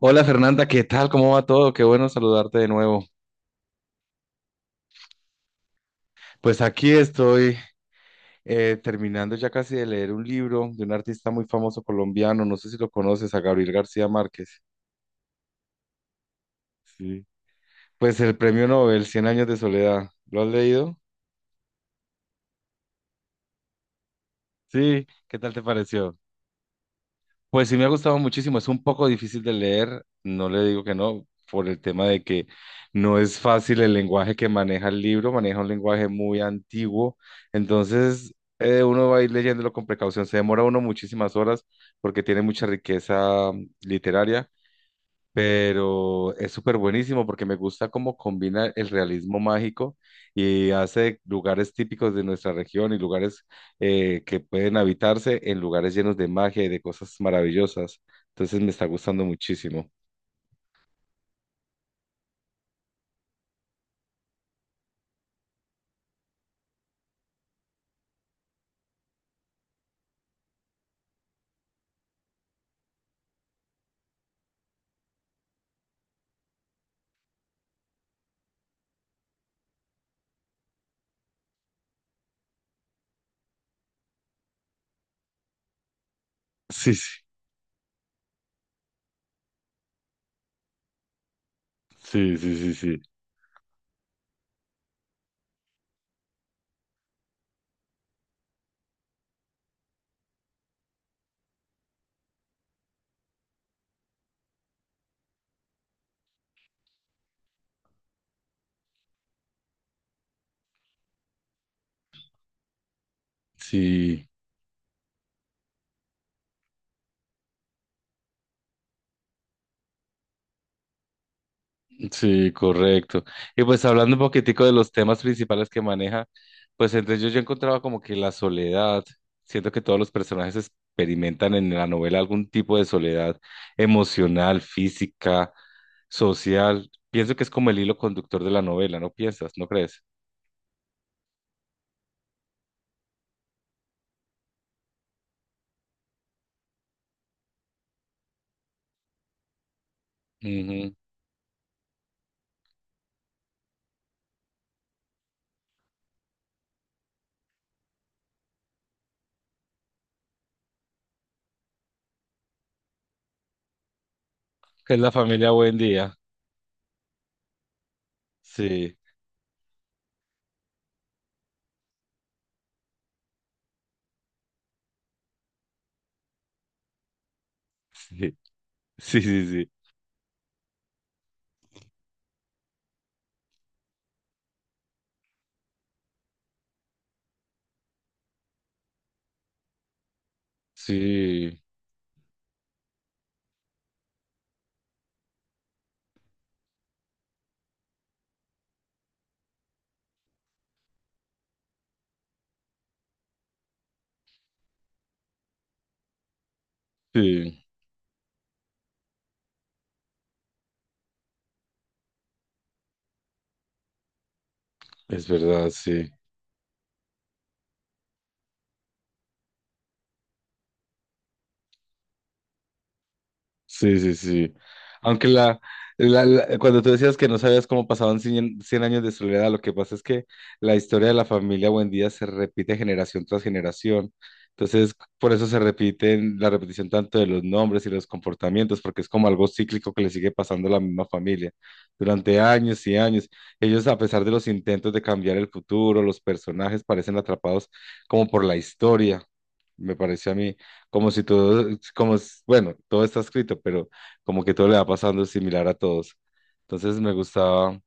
Hola Fernanda, ¿qué tal? ¿Cómo va todo? Qué bueno saludarte de nuevo. Pues aquí estoy terminando ya casi de leer un libro de un artista muy famoso colombiano, no sé si lo conoces, a Gabriel García Márquez. Sí. Pues el premio Nobel, Cien años de soledad. ¿Lo has leído? Sí, ¿qué tal te pareció? Pues sí me ha gustado muchísimo, es un poco difícil de leer, no le digo que no, por el tema de que no es fácil el lenguaje que maneja el libro, maneja un lenguaje muy antiguo, entonces uno va a ir leyéndolo con precaución, se demora uno muchísimas horas porque tiene mucha riqueza literaria, pero es súper buenísimo porque me gusta cómo combina el realismo mágico y hace lugares típicos de nuestra región y lugares que pueden habitarse en lugares llenos de magia y de cosas maravillosas. Entonces me está gustando muchísimo. Sí, sí, sí, sí, sí, sí. Sí. Sí, correcto. Y pues hablando un poquitico de los temas principales que maneja, pues entre ellos yo encontraba como que la soledad, siento que todos los personajes experimentan en la novela algún tipo de soledad emocional, física, social. Pienso que es como el hilo conductor de la novela, ¿no piensas? ¿No crees? Ujú. Que es la familia buen día. Sí, sí, sí, sí, sí, sí, sí, es verdad, sí. Sí, sí, sí. Aunque cuando tú decías que no sabías cómo pasaban cien años de soledad, lo que pasa es que la historia de la familia Buendía se repite generación tras generación. Entonces, por eso se repiten la repetición tanto de los nombres y los comportamientos, porque es como algo cíclico que le sigue pasando a la misma familia. Durante años y años, ellos, a pesar de los intentos de cambiar el futuro, los personajes parecen atrapados como por la historia, me pareció a mí como si todo, bueno, todo está escrito, pero como que todo le va pasando similar a todos. Entonces me gustaba,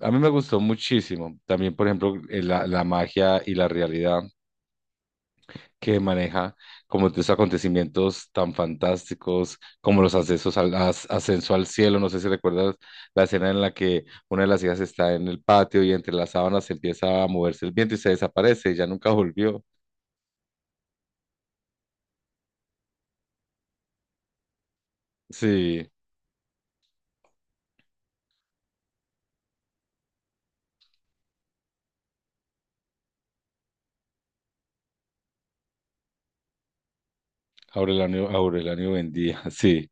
a mí me gustó muchísimo. También, por ejemplo, la, la magia y la realidad que maneja, como estos acontecimientos tan fantásticos, como los ascenso al cielo. No sé si recuerdas la escena en la que una de las hijas está en el patio y entre las sábanas empieza a moverse el viento y se desaparece y ya nunca volvió. Sí, Aurelio Buendía, sí.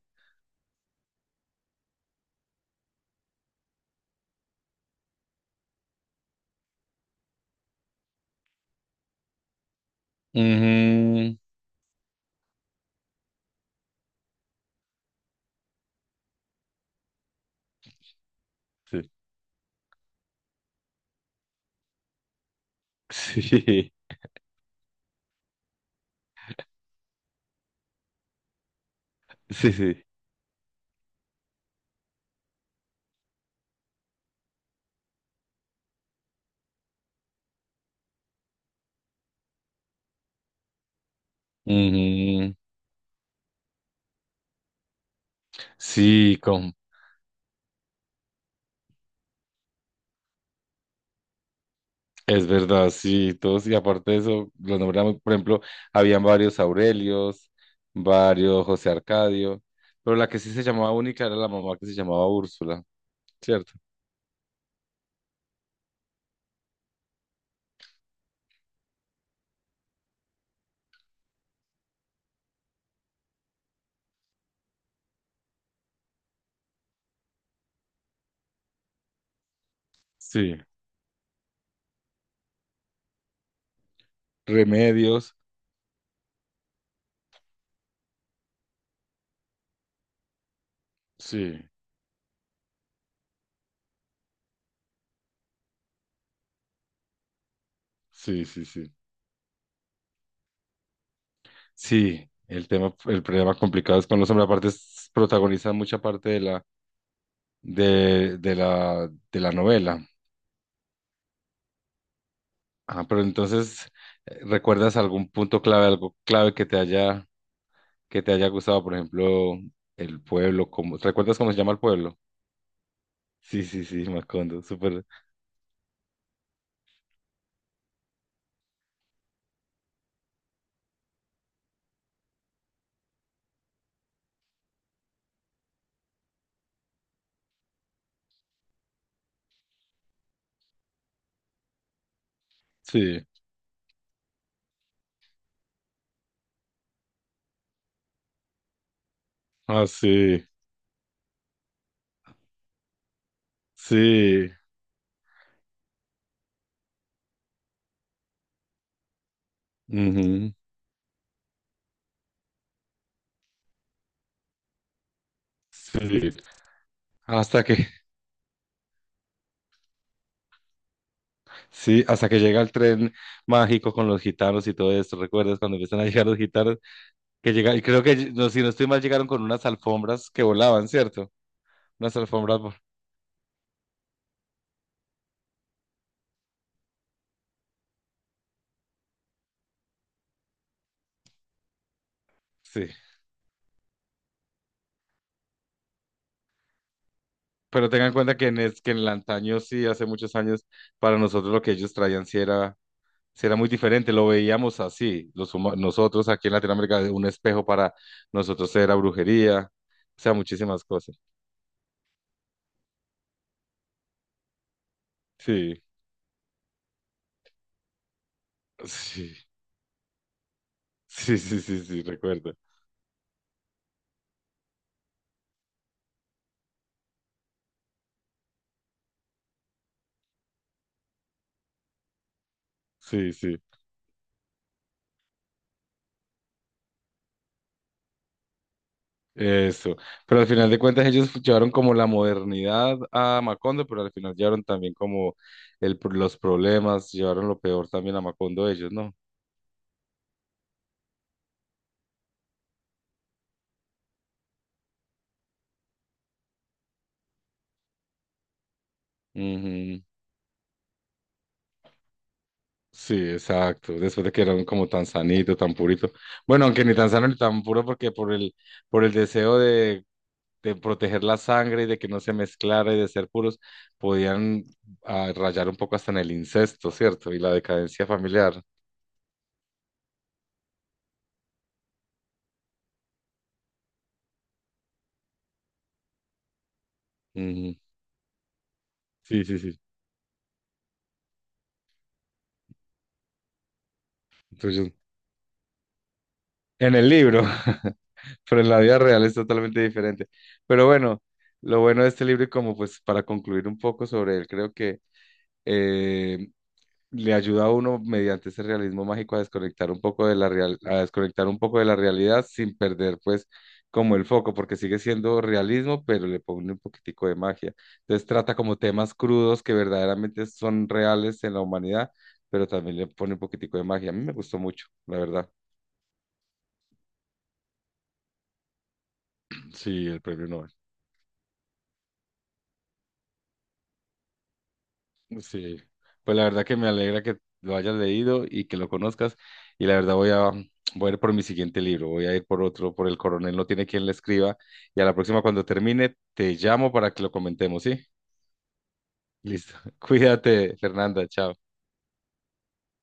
Ujú. Sí, sí, sí, sí. Ujú. Sí, con- es verdad, sí, todos, y aparte de eso, los nombramos, por ejemplo, habían varios Aurelios, varios José Arcadio, pero la que sí se llamaba única era la mamá que se llamaba Úrsula, ¿cierto? Sí, Remedios, sí, sí, sí, sí. Sí, el problema complicado es con los hombres, protagonizan mucha parte de la novela. Ah, pero entonces, ¿recuerdas algún punto clave, algo clave que que te haya gustado? Por ejemplo, el pueblo, ¿recuerdas cómo se llama el pueblo? Sí, sí, sí, Macondo, súper. Sí, ah, sí, sí, ujú, sí. Hasta que, sí, hasta que llega el tren mágico con los gitanos y todo esto. ¿Recuerdas cuando empiezan a llegar los gitanos? Que llega, y creo que, no, si no estoy mal, llegaron con unas alfombras que volaban, ¿cierto? Unas alfombras, vo- sí. Pero tengan en cuenta que que en el antaño, sí, hace muchos años, para nosotros lo que ellos sí era muy diferente, lo veíamos así, nosotros aquí en Latinoamérica, un espejo para nosotros era brujería, o sea, muchísimas cosas. Sí, sí, sí, sí, sí, sí, recuerdo. Sí, sí, eso. Pero al final de cuentas ellos llevaron como la modernidad a Macondo, pero al final llevaron también como los problemas, llevaron lo peor también a Macondo ellos, ¿no? Ujú. Sí, exacto. Después de que eran como tan sanito, tan purito. Bueno, aunque ni tan sano ni tan puro, porque por el deseo de proteger la sangre y de que no se mezclara y de ser puros, podían ah, rayar un poco hasta en el incesto, ¿cierto? Y la decadencia familiar. Ujú. Sí, sí, sí. Entonces, en el libro, pero en la vida real es totalmente diferente. Pero bueno, lo bueno de este libro y como pues para concluir un poco sobre él, creo que eh, le ayuda a uno mediante ese realismo mágico a desconectar un poco de la real, a desconectar un poco de la realidad sin perder pues como el foco, porque sigue siendo realismo, pero le pone un poquitico de magia. Entonces trata como temas crudos que verdaderamente son reales en la humanidad, pero también le pone un poquitico de magia. A mí me gustó mucho, la verdad. Sí, el premio Nobel. Sí, pues la verdad que me alegra que lo hayas leído y que lo conozcas. Y la verdad voy a ir por mi siguiente libro, voy a ir por otro, por El Coronel no tiene quien le escriba. Y a la próxima cuando termine, te llamo para que lo comentemos, ¿sí? Listo. Cuídate, Fernanda, chao.